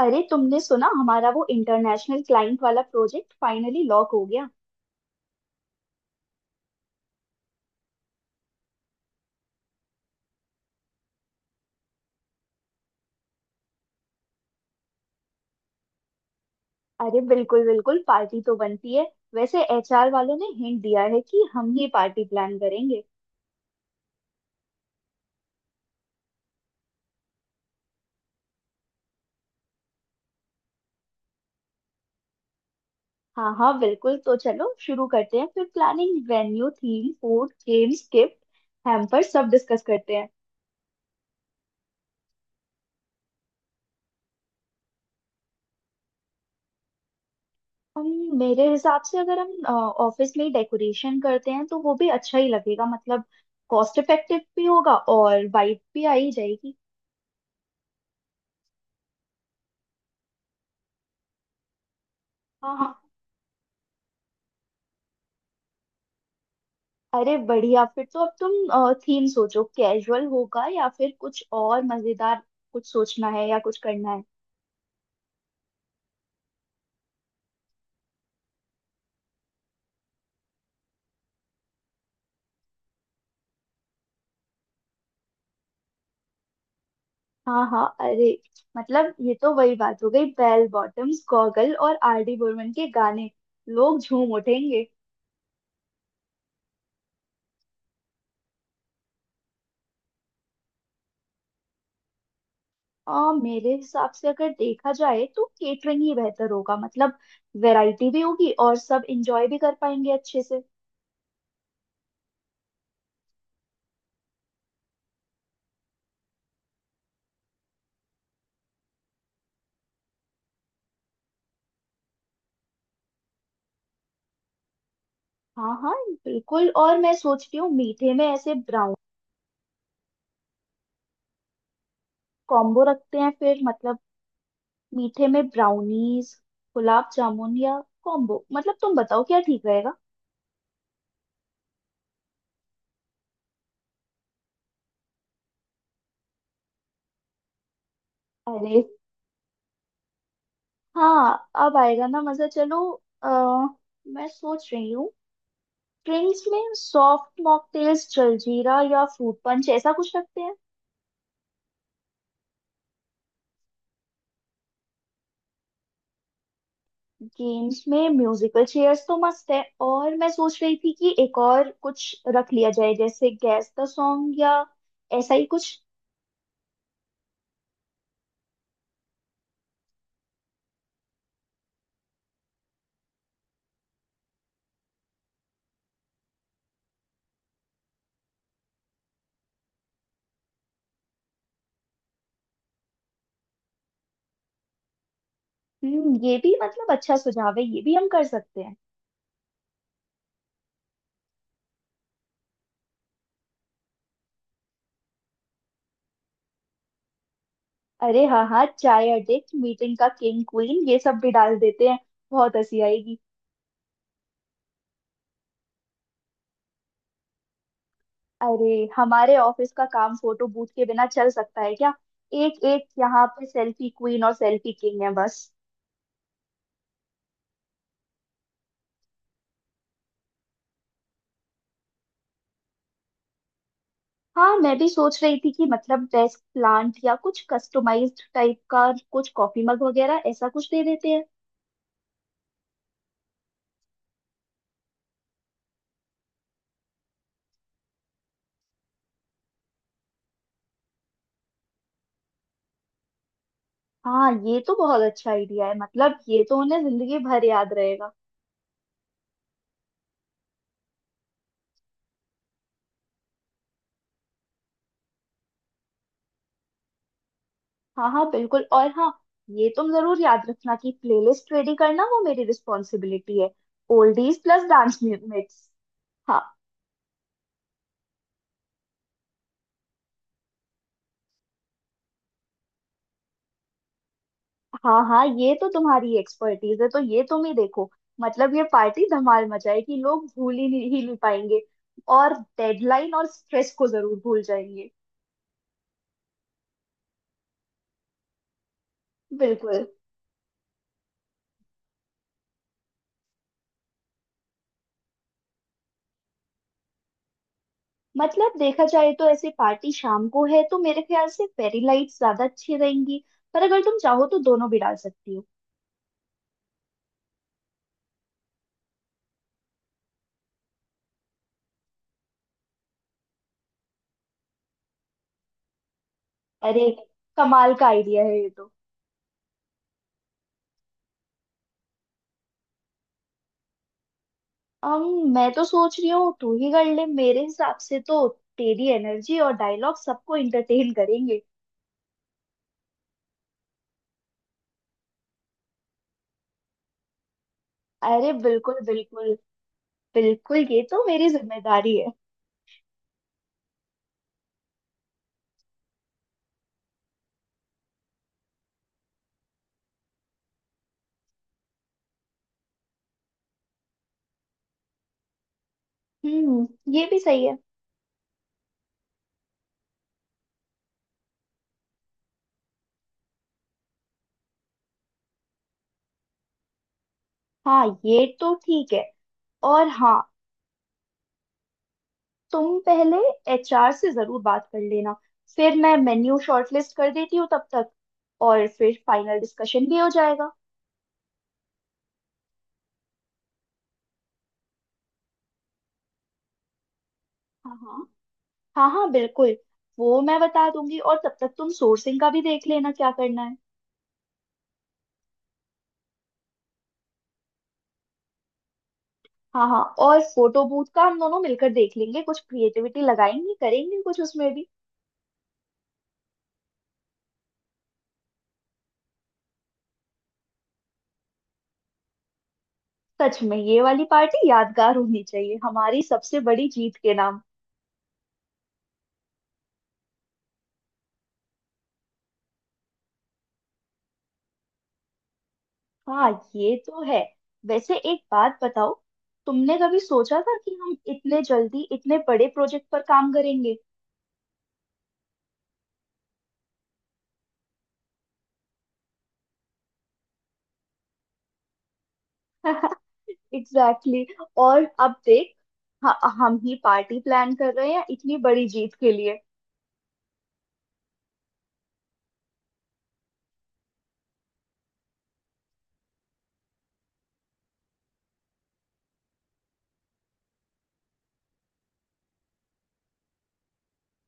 अरे तुमने सुना हमारा वो इंटरनेशनल क्लाइंट वाला प्रोजेक्ट फाइनली लॉक हो गया। अरे बिल्कुल बिल्कुल, पार्टी तो बनती है। वैसे एचआर वालों ने हिंट दिया है कि हम ही पार्टी प्लान करेंगे। हाँ हाँ बिल्कुल, तो चलो शुरू करते हैं फिर planning, venue, theme, food, games, gift hamper सब डिस्कस करते हैं। हम मेरे हिसाब से अगर हम ऑफिस में डेकोरेशन करते हैं तो वो भी अच्छा ही लगेगा, मतलब कॉस्ट इफेक्टिव भी होगा और वाइब भी आ ही जाएगी। हाँ हाँ। अरे बढ़िया, फिर तो अब तुम थीम सोचो, कैजुअल होगा या फिर कुछ और मजेदार, कुछ सोचना है या कुछ करना है। हाँ हाँ, अरे मतलब ये तो वही बात हो गई, बेल बॉटम्स, गॉगल और आर डी बर्मन के गाने, लोग झूम उठेंगे। मेरे हिसाब से अगर देखा जाए तो केटरिंग ही बेहतर होगा, मतलब वैरायटी भी होगी और सब इंजॉय भी कर पाएंगे अच्छे से। हाँ हाँ बिल्कुल, और मैं सोच रही हूँ मीठे में ऐसे ब्राउन कॉम्बो रखते हैं फिर, मतलब मीठे में ब्राउनीज, गुलाब जामुन या कॉम्बो, मतलब तुम बताओ क्या ठीक रहेगा। अरे हाँ, अब आएगा ना मजा। चलो, आ, मैं सोच रही हूँ ड्रिंक्स में सॉफ्ट मॉकटेल्स, जलजीरा या फ्रूट पंच ऐसा कुछ रखते हैं। गेम्स में म्यूजिकल चेयर्स तो मस्त है, और मैं सोच रही थी कि एक और कुछ रख लिया जाए जैसे गैस द सॉन्ग या ऐसा ही कुछ। हम्म, ये भी मतलब अच्छा सुझाव है, ये भी हम कर सकते हैं। अरे हाँ हाँ, चाय अड्डे, मीटिंग का किंग क्वीन, ये सब भी डाल देते हैं, बहुत हंसी आएगी। अरे हमारे ऑफिस का काम फोटो बूथ के बिना चल सकता है क्या? एक एक यहाँ पे सेल्फी क्वीन और सेल्फी किंग है बस। हाँ, मैं भी सोच रही थी कि मतलब डेस्क प्लांट या कुछ कस्टमाइज्ड टाइप का, कुछ कॉफी मग वगैरह, ऐसा कुछ दे देते हैं। हाँ, ये तो बहुत अच्छा आइडिया है, मतलब ये तो उन्हें जिंदगी भर याद रहेगा। हाँ हाँ बिल्कुल, और हाँ, ये तुम जरूर याद रखना कि प्लेलिस्ट रेडी करना वो मेरी रिस्पॉन्सिबिलिटी है, ओल्डीज प्लस डांस मिक्स। हाँ हाँ। हाँ, ये तो तुम्हारी एक्सपर्टीज है तो ये तुम ही देखो। मतलब ये पार्टी धमाल मचाएगी, लोग भूल ही नहीं पाएंगे, और डेडलाइन और स्ट्रेस को जरूर भूल जाएंगे। बिल्कुल। मतलब देखा जाए तो ऐसे पार्टी शाम को है तो मेरे ख्याल से फेरी लाइट्स ज्यादा अच्छी रहेंगी, पर अगर तुम चाहो तो दोनों भी डाल सकती हो। अरे कमाल का आइडिया है ये तो। अम मैं तो सोच रही हूँ तू ही कर ले, मेरे हिसाब से तो तेरी एनर्जी और डायलॉग सबको इंटरटेन करेंगे। अरे बिल्कुल बिल्कुल। बिल्कुल, ये तो मेरी जिम्मेदारी है। हम्म, ये भी सही है। हाँ ये तो ठीक है, और हाँ, तुम पहले एचआर से जरूर बात कर लेना, फिर मैं मेन्यू शॉर्टलिस्ट कर देती हूँ तब तक, और फिर फाइनल डिस्कशन भी हो जाएगा। हाँ हाँ। हाँ हाँ बिल्कुल, वो मैं बता दूंगी, और तब तक तुम सोर्सिंग का भी देख लेना क्या करना है। हाँ हाँ, और फोटो बूथ का हम दोनों मिलकर देख लेंगे, कुछ क्रिएटिविटी लगाएंगे, करेंगे कुछ उसमें भी। सच में ये वाली पार्टी यादगार होनी चाहिए, हमारी सबसे बड़ी जीत के नाम। हाँ ये तो है। वैसे एक बात बताओ, तुमने कभी सोचा था कि हम इतने जल्दी इतने बड़े प्रोजेक्ट पर काम करेंगे? Exactly exactly। और अब देख, हम ही पार्टी प्लान कर रहे हैं इतनी बड़ी जीत के लिए।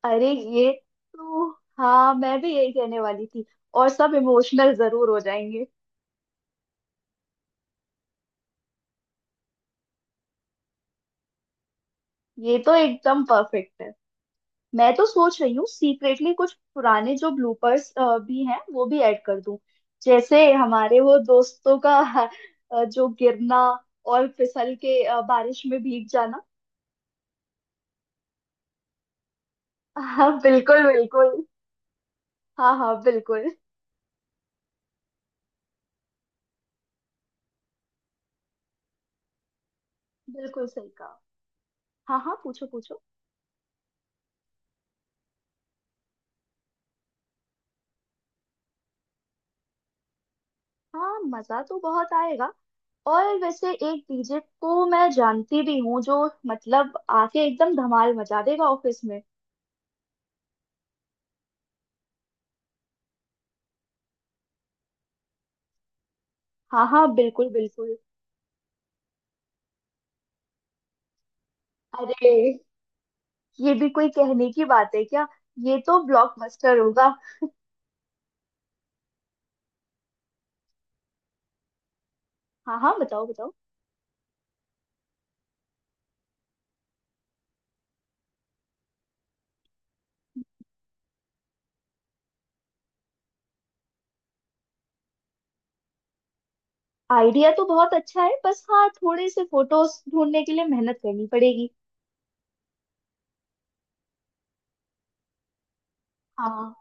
अरे ये तो हाँ, मैं भी यही कहने वाली थी, और सब इमोशनल जरूर हो जाएंगे। ये तो एकदम परफेक्ट है। मैं तो सोच रही हूँ सीक्रेटली कुछ पुराने जो ब्लूपर्स भी हैं वो भी ऐड कर दूं, जैसे हमारे वो दोस्तों का जो गिरना और फिसल के बारिश में भीग जाना। हाँ बिल्कुल बिल्कुल। हाँ हाँ बिल्कुल। बिल्कुल सही कहा। हाँ हाँ, पूछो पूछो। हाँ, मजा तो बहुत आएगा, और वैसे एक डीजे को मैं जानती भी हूँ जो मतलब आके एकदम धमाल मचा देगा ऑफिस में। हाँ हाँ बिल्कुल बिल्कुल। अरे ये भी कोई कहने की बात है क्या? ये तो ब्लॉकबस्टर होगा। हाँ हाँ, बताओ बताओ। आइडिया तो बहुत अच्छा है, बस हाँ थोड़े से फोटोज ढूंढने के लिए मेहनत करनी पड़ेगी। हाँ।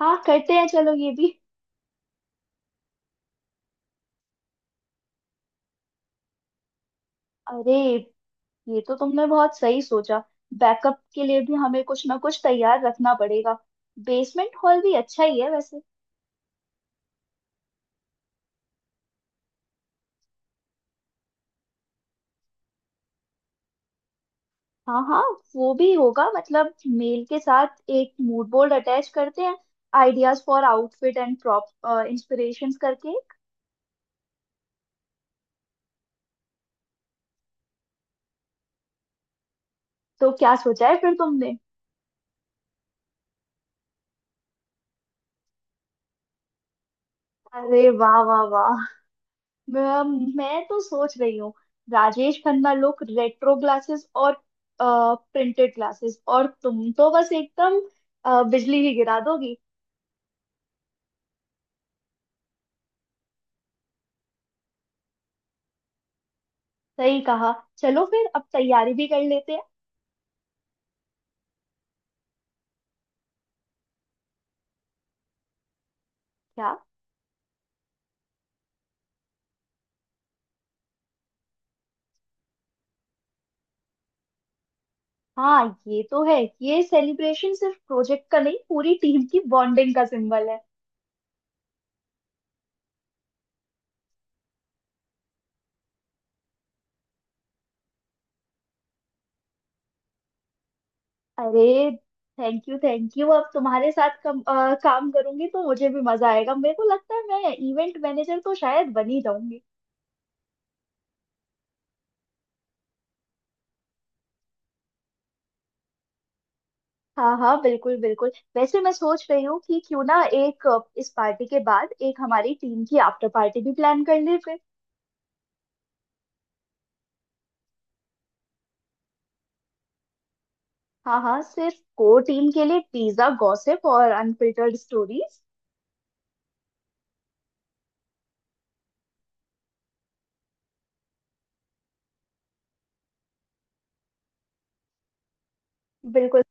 हाँ करते हैं, चलो ये भी। अरे ये तो तुमने बहुत सही सोचा, बैकअप के लिए भी हमें कुछ ना कुछ तैयार रखना पड़ेगा, बेसमेंट हॉल भी अच्छा ही है वैसे। हाँ हाँ, वो भी होगा, मतलब मेल के साथ एक मूड बोर्ड अटैच करते हैं, ideas for outfit and prop inspirations करके। तो क्या सोचा है फिर तुमने? अरे वाह वाह वाह, मैं तो सोच रही हूँ Rajesh Khanna look, retro glasses और प्रिंटेड ग्लासेस, और तुम तो बस एकदम बिजली ही गिरा दोगी। सही कहा। चलो फिर अब तैयारी भी कर लेते हैं। क्या? हाँ ये तो है। ये सेलिब्रेशन सिर्फ प्रोजेक्ट का नहीं, पूरी टीम की बॉन्डिंग का सिंबल है। अरे थैंक यू थैंक यू, अब तुम्हारे साथ काम करूंगी तो मुझे भी मजा आएगा, मेरे को लगता है मैं इवेंट मैनेजर तो शायद बन ही जाऊंगी। हाँ हाँ बिल्कुल बिल्कुल। वैसे मैं सोच रही हूँ कि क्यों ना एक इस पार्टी के बाद एक हमारी टीम की आफ्टर पार्टी भी प्लान कर ले फिर। हाँ हाँ, सिर्फ कोर टीम के लिए, पिज्जा, गॉसिप और अनफिल्टर्ड स्टोरीज। बिल्कुल,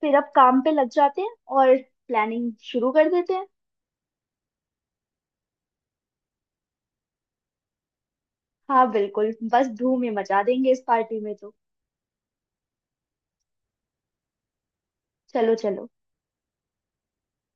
फिर अब काम पे लग जाते हैं और प्लानिंग शुरू कर देते हैं। हाँ बिल्कुल, बस धूम ही मचा देंगे इस पार्टी में तो। चलो चलो।